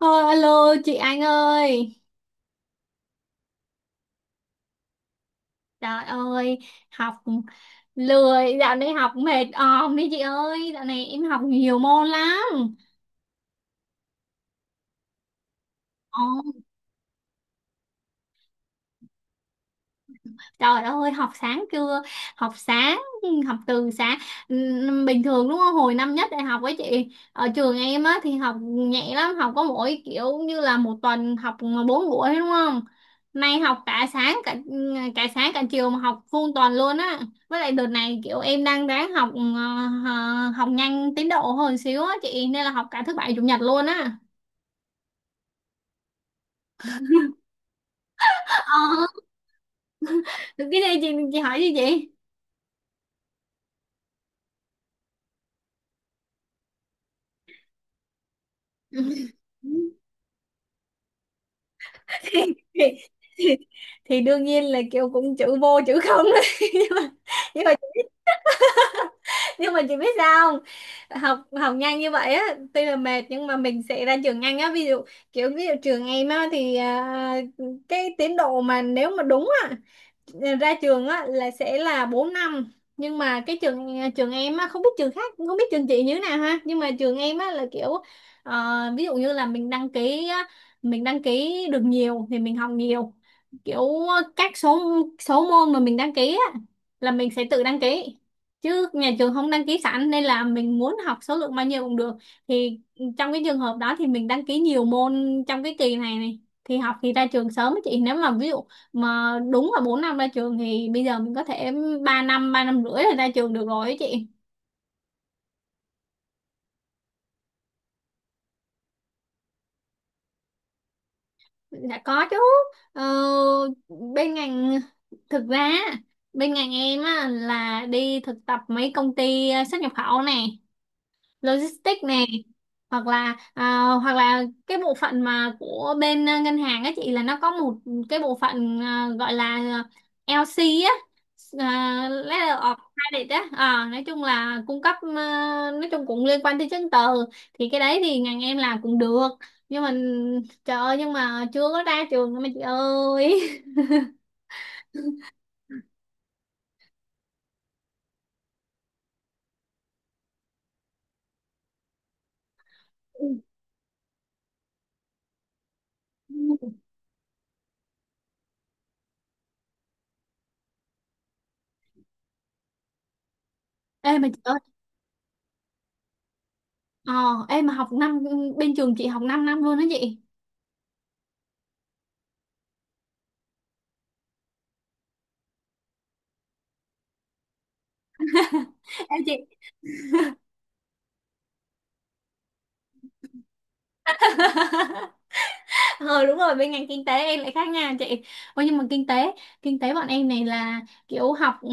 Thôi, alo chị Anh ơi. Trời ơi. Học lười. Dạo này học mệt òm đi chị ơi. Dạo này em học nhiều môn lắm. Ồ. Trời ơi, học sáng chưa? Học sáng, ừ, học từ sáng. Bình thường đúng không? Hồi năm nhất đại học ấy chị, ở trường em á thì học nhẹ lắm, học có mỗi kiểu như là một tuần học bốn buổi đúng không? Nay học cả sáng cả chiều mà học full tuần luôn á. Với lại đợt này kiểu em đang ráng học học nhanh tiến độ hơn xíu á chị, nên là học cả thứ bảy chủ nhật luôn á. Ờ, cái này chị hỏi gì chị? thì, thì, thì đương nhiên là kiểu cũng chữ vô chữ không đấy. nhưng mà nhưng mà nhưng mà chị biết sao không? Học học nhanh như vậy á tuy là mệt nhưng mà mình sẽ ra trường nhanh á. Ví dụ kiểu ví dụ trường em á thì cái tiến độ mà nếu mà đúng á, ra trường á là sẽ là 4 năm, nhưng mà cái trường trường em á, không biết trường khác, không biết trường chị như thế nào ha, nhưng mà trường em á là kiểu ví dụ như là mình đăng ký á, mình đăng ký được nhiều thì mình học nhiều, kiểu các số số môn mà mình đăng ký á là mình sẽ tự đăng ký chứ nhà trường không đăng ký sẵn, nên là mình muốn học số lượng bao nhiêu cũng được, thì trong cái trường hợp đó thì mình đăng ký nhiều môn trong cái kỳ này này, thì học thì ra trường sớm á chị. Nếu mà ví dụ mà đúng là 4 năm ra trường thì bây giờ mình có thể 3 năm, 3 năm rưỡi là ra trường được rồi ấy chị. Dạ có chứ. Ờ, bên ngành, thực ra bên ngành em á, là đi thực tập mấy công ty xuất nhập khẩu nè, logistics này, hoặc là cái bộ phận mà của bên ngân hàng á chị, là nó có một cái bộ phận gọi là LC á, Letter of Credit á. Ờ, nói chung là cung cấp, nói chung cũng liên quan tới chứng từ, thì cái đấy thì ngành em làm cũng được, nhưng mà trời ơi, nhưng mà chưa có ra trường mà chị ơi. Ê mà chị ơi, ờ, em mà học năm, bên trường chị học 5 năm năm luôn đó chị. Ê chị, ờ đúng rồi, bên ngành kinh tế em lại khác nha chị. Ôi nhưng mà kinh tế bọn em này là kiểu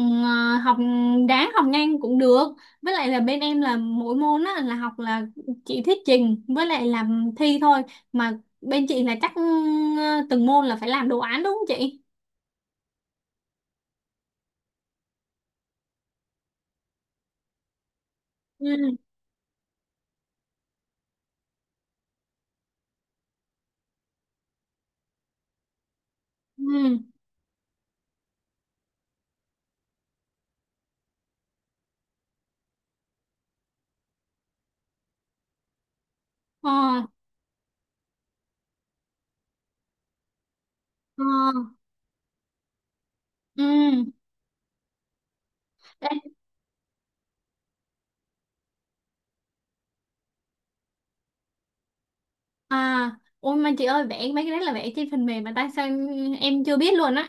học, đáng học nhanh cũng được. Với lại là bên em là mỗi môn á là chỉ thuyết trình với lại làm thi thôi, mà bên chị là chắc ừ, từng môn là phải làm đồ án đúng không chị? Ừ. Ừ. Ờ. Ờ. Ừ. Đây. À, ôi mà chị ơi, vẽ mấy cái đấy là vẽ trên phần mềm mà tại sao em chưa biết luôn á?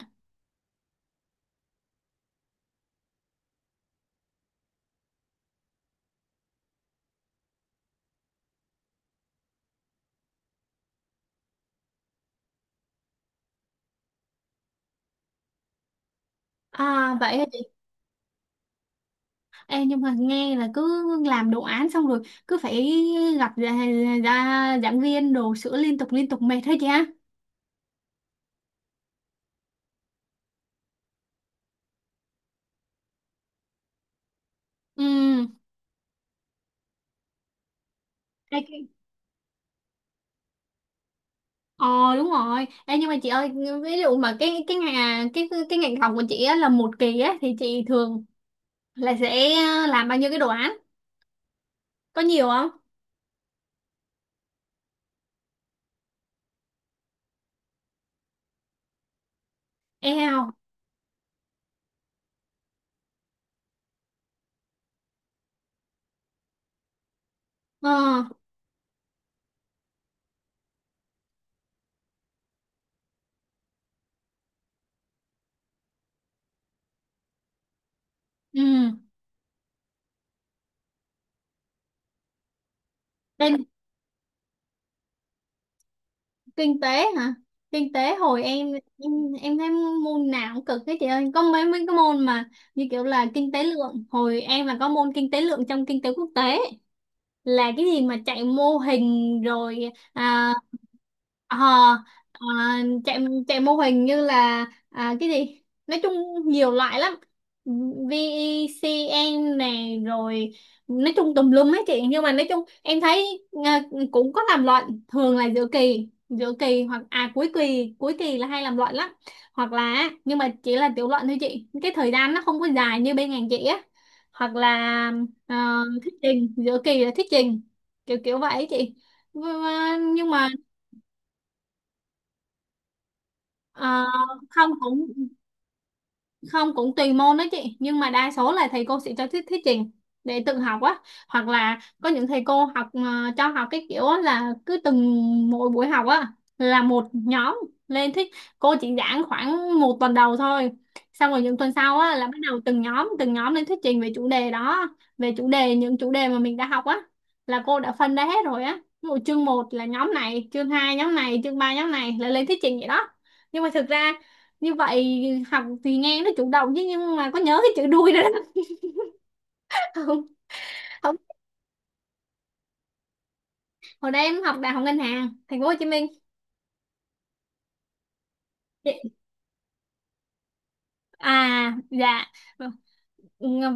À vậy. Ê, nhưng mà nghe là cứ làm đồ án xong rồi cứ phải gặp ra giảng viên đồ sửa liên tục mệt hết chị ha? Ừ. Ê, ờ đúng rồi. Ê, nhưng mà chị ơi, ví dụ mà cái ngành học của chị á, là một kỳ á thì chị thường là sẽ làm bao nhiêu cái đồ án, có nhiều không? E không. Ờ. Ừ. Kinh tế hả? Kinh tế, hồi em em em thấy môn nào cũng cực hết chị ơi, có mấy mấy cái môn mà như kiểu là kinh tế lượng, hồi em là có môn kinh tế lượng trong kinh tế quốc tế, là cái gì mà chạy mô hình rồi, ờ, ờ, chạy chạy mô hình như là cái gì, nói chung nhiều loại lắm, VECN này rồi, nói chung tùm lum hết chị. Nhưng mà nói chung em thấy cũng có làm luận, thường là giữa kỳ, hoặc cuối kỳ, là hay làm luận lắm. Hoặc là, nhưng mà chỉ là tiểu luận thôi chị, cái thời gian nó không có dài như bên ngành chị á. Hoặc là, ờ, thuyết trình giữa kỳ là thuyết trình, kiểu kiểu vậy chị. Nhưng mà, ờ, không cũng không cũng tùy môn đó chị, nhưng mà đa số là thầy cô sẽ cho thuyết thuyết trình để tự học á. Hoặc là có những thầy cô cho học cái kiểu á là cứ từng mỗi buổi học á là một nhóm lên thuyết, cô chỉ giảng khoảng một tuần đầu thôi, xong rồi những tuần sau á là bắt đầu từng nhóm lên thuyết trình về chủ đề đó, về chủ đề, những chủ đề mà mình đã học á, là cô đã phân ra hết rồi á. Ví dụ chương một là nhóm này, chương 2 nhóm này, chương 3 nhóm này là lên thuyết trình vậy đó. Nhưng mà thực ra như vậy học thì nghe nó chủ động chứ, nhưng mà có nhớ cái chữ đuôi đó đó. không. Không, hồi đây em học đại học ngân hàng thành phố Hồ Chí Minh. Chị- À dạ,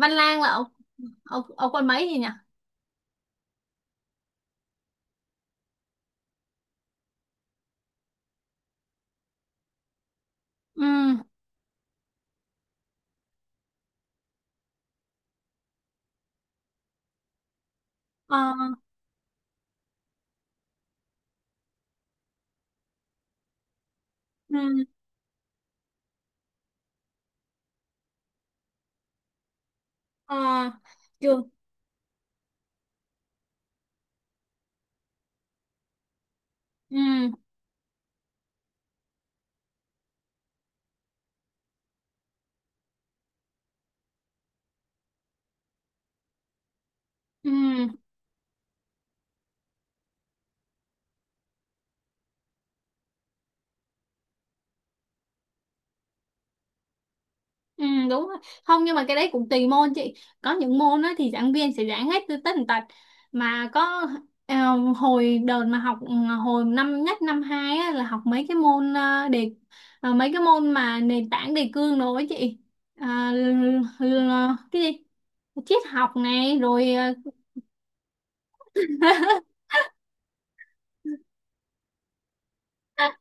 Văn Lang là ở ở, ở quận mấy gì nhỉ? Ừ. Ờ. Ừ. Ờ. Trường. Ừ. Ừ. Ừ, đúng rồi. Không, nhưng mà cái đấy cũng tùy môn chị. Có những môn á thì giảng viên sẽ giảng hết từ tất tần tật, mà có ờ, hồi đợt mà học hồi năm nhất năm hai á, là học mấy cái môn mà nền tảng đề cương đồ ấy chị. À, cái gì? Triết học này rồi ờ.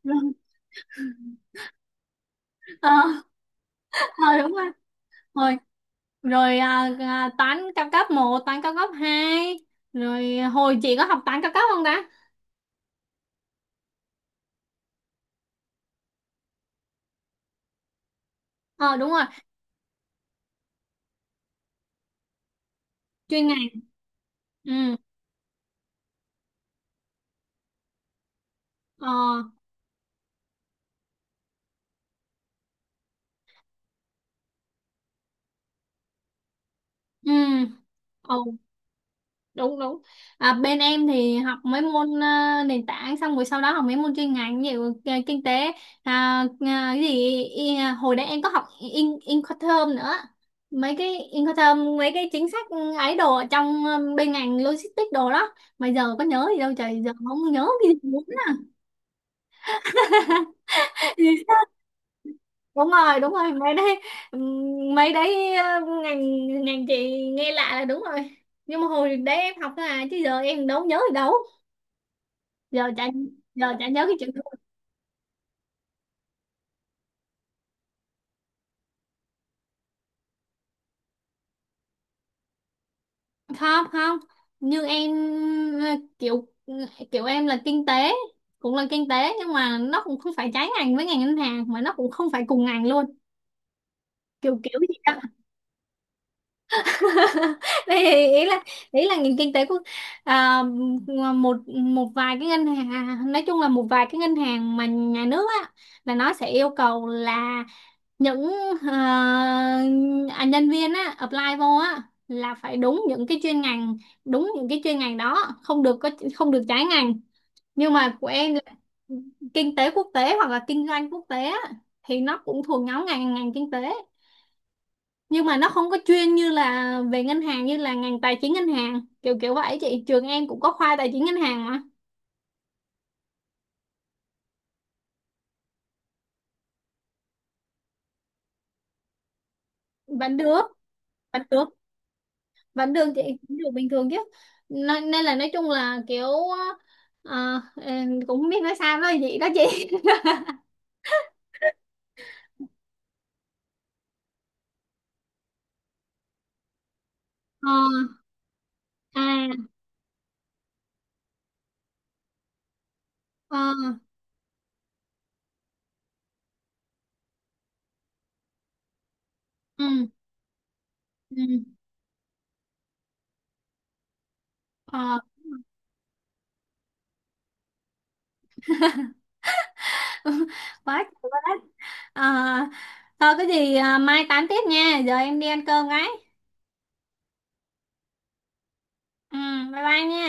rồi ờ, ờ, đúng rồi. Rồi rồi toán cao cấp một, toán cao cấp hai. Rồi hồi chị có học toán cao cấp không ta? Ờ đúng rồi. Chuyên ngành. Ừ. Ờ. Ừ. Ồ. Đúng đúng. À, bên em thì học mấy môn nền tảng, xong rồi sau đó học mấy môn chuyên ngành như kinh tế. Cái gì hồi đấy em có học Incoterm nữa, mấy cái Incoterm, mấy cái chính sách ấy đồ ở trong bên ngành logistics đồ đó, mà giờ có nhớ gì đâu trời, giờ không nhớ cái gì nữa. đúng rồi, đúng rồi, mấy đấy. Ừm, mấy đấy ờ, ngành ngành chị nghe lạ là đúng rồi, nhưng mà hồi đấy em học thôi à chứ giờ em đâu nhớ gì đâu. Giờ chả giờ chả nhớ cái chuyện đó. Không. Không, như em ờ, kiểu kiểu em là kinh tế, cũng là kinh tế nhưng mà nó cũng không phải trái ngành với ngành ngân hàng mà nó cũng không phải cùng ngành luôn, kiểu kiểu gì. Đây, ý là nền kinh tế của à, một một vài cái ngân hàng, nói chung là một vài cái ngân hàng mà nhà nước á là nó sẽ yêu cầu là những ờ, nhân viên á apply vô á là phải đúng những cái chuyên ngành, đúng những cái chuyên ngành đó, không được có, không được trái ngành, nhưng mà của em là kinh tế quốc tế hoặc là kinh doanh quốc tế á, thì nó cũng thuộc nhóm ngành ngành kinh tế, nhưng mà nó không có chuyên như là về ngân hàng, như là ngành tài chính ngân hàng, kiểu kiểu vậy chị, trường em cũng có khoa tài chính ngân hàng mà. Vẫn được. Vẫn được, vẫn được chị. Vẫn được bình thường chứ, nên, là nói chung là kiểu em cũng không biết nói sao, nói gì đó chị. ờ. À. Ờ. Ừ. Ừ. Ờ. quá trời quá đất. Ờ thôi, cái gì mai tám tiếp nha, giờ em đi ăn cơm cái. Ừ. Bye bye nha.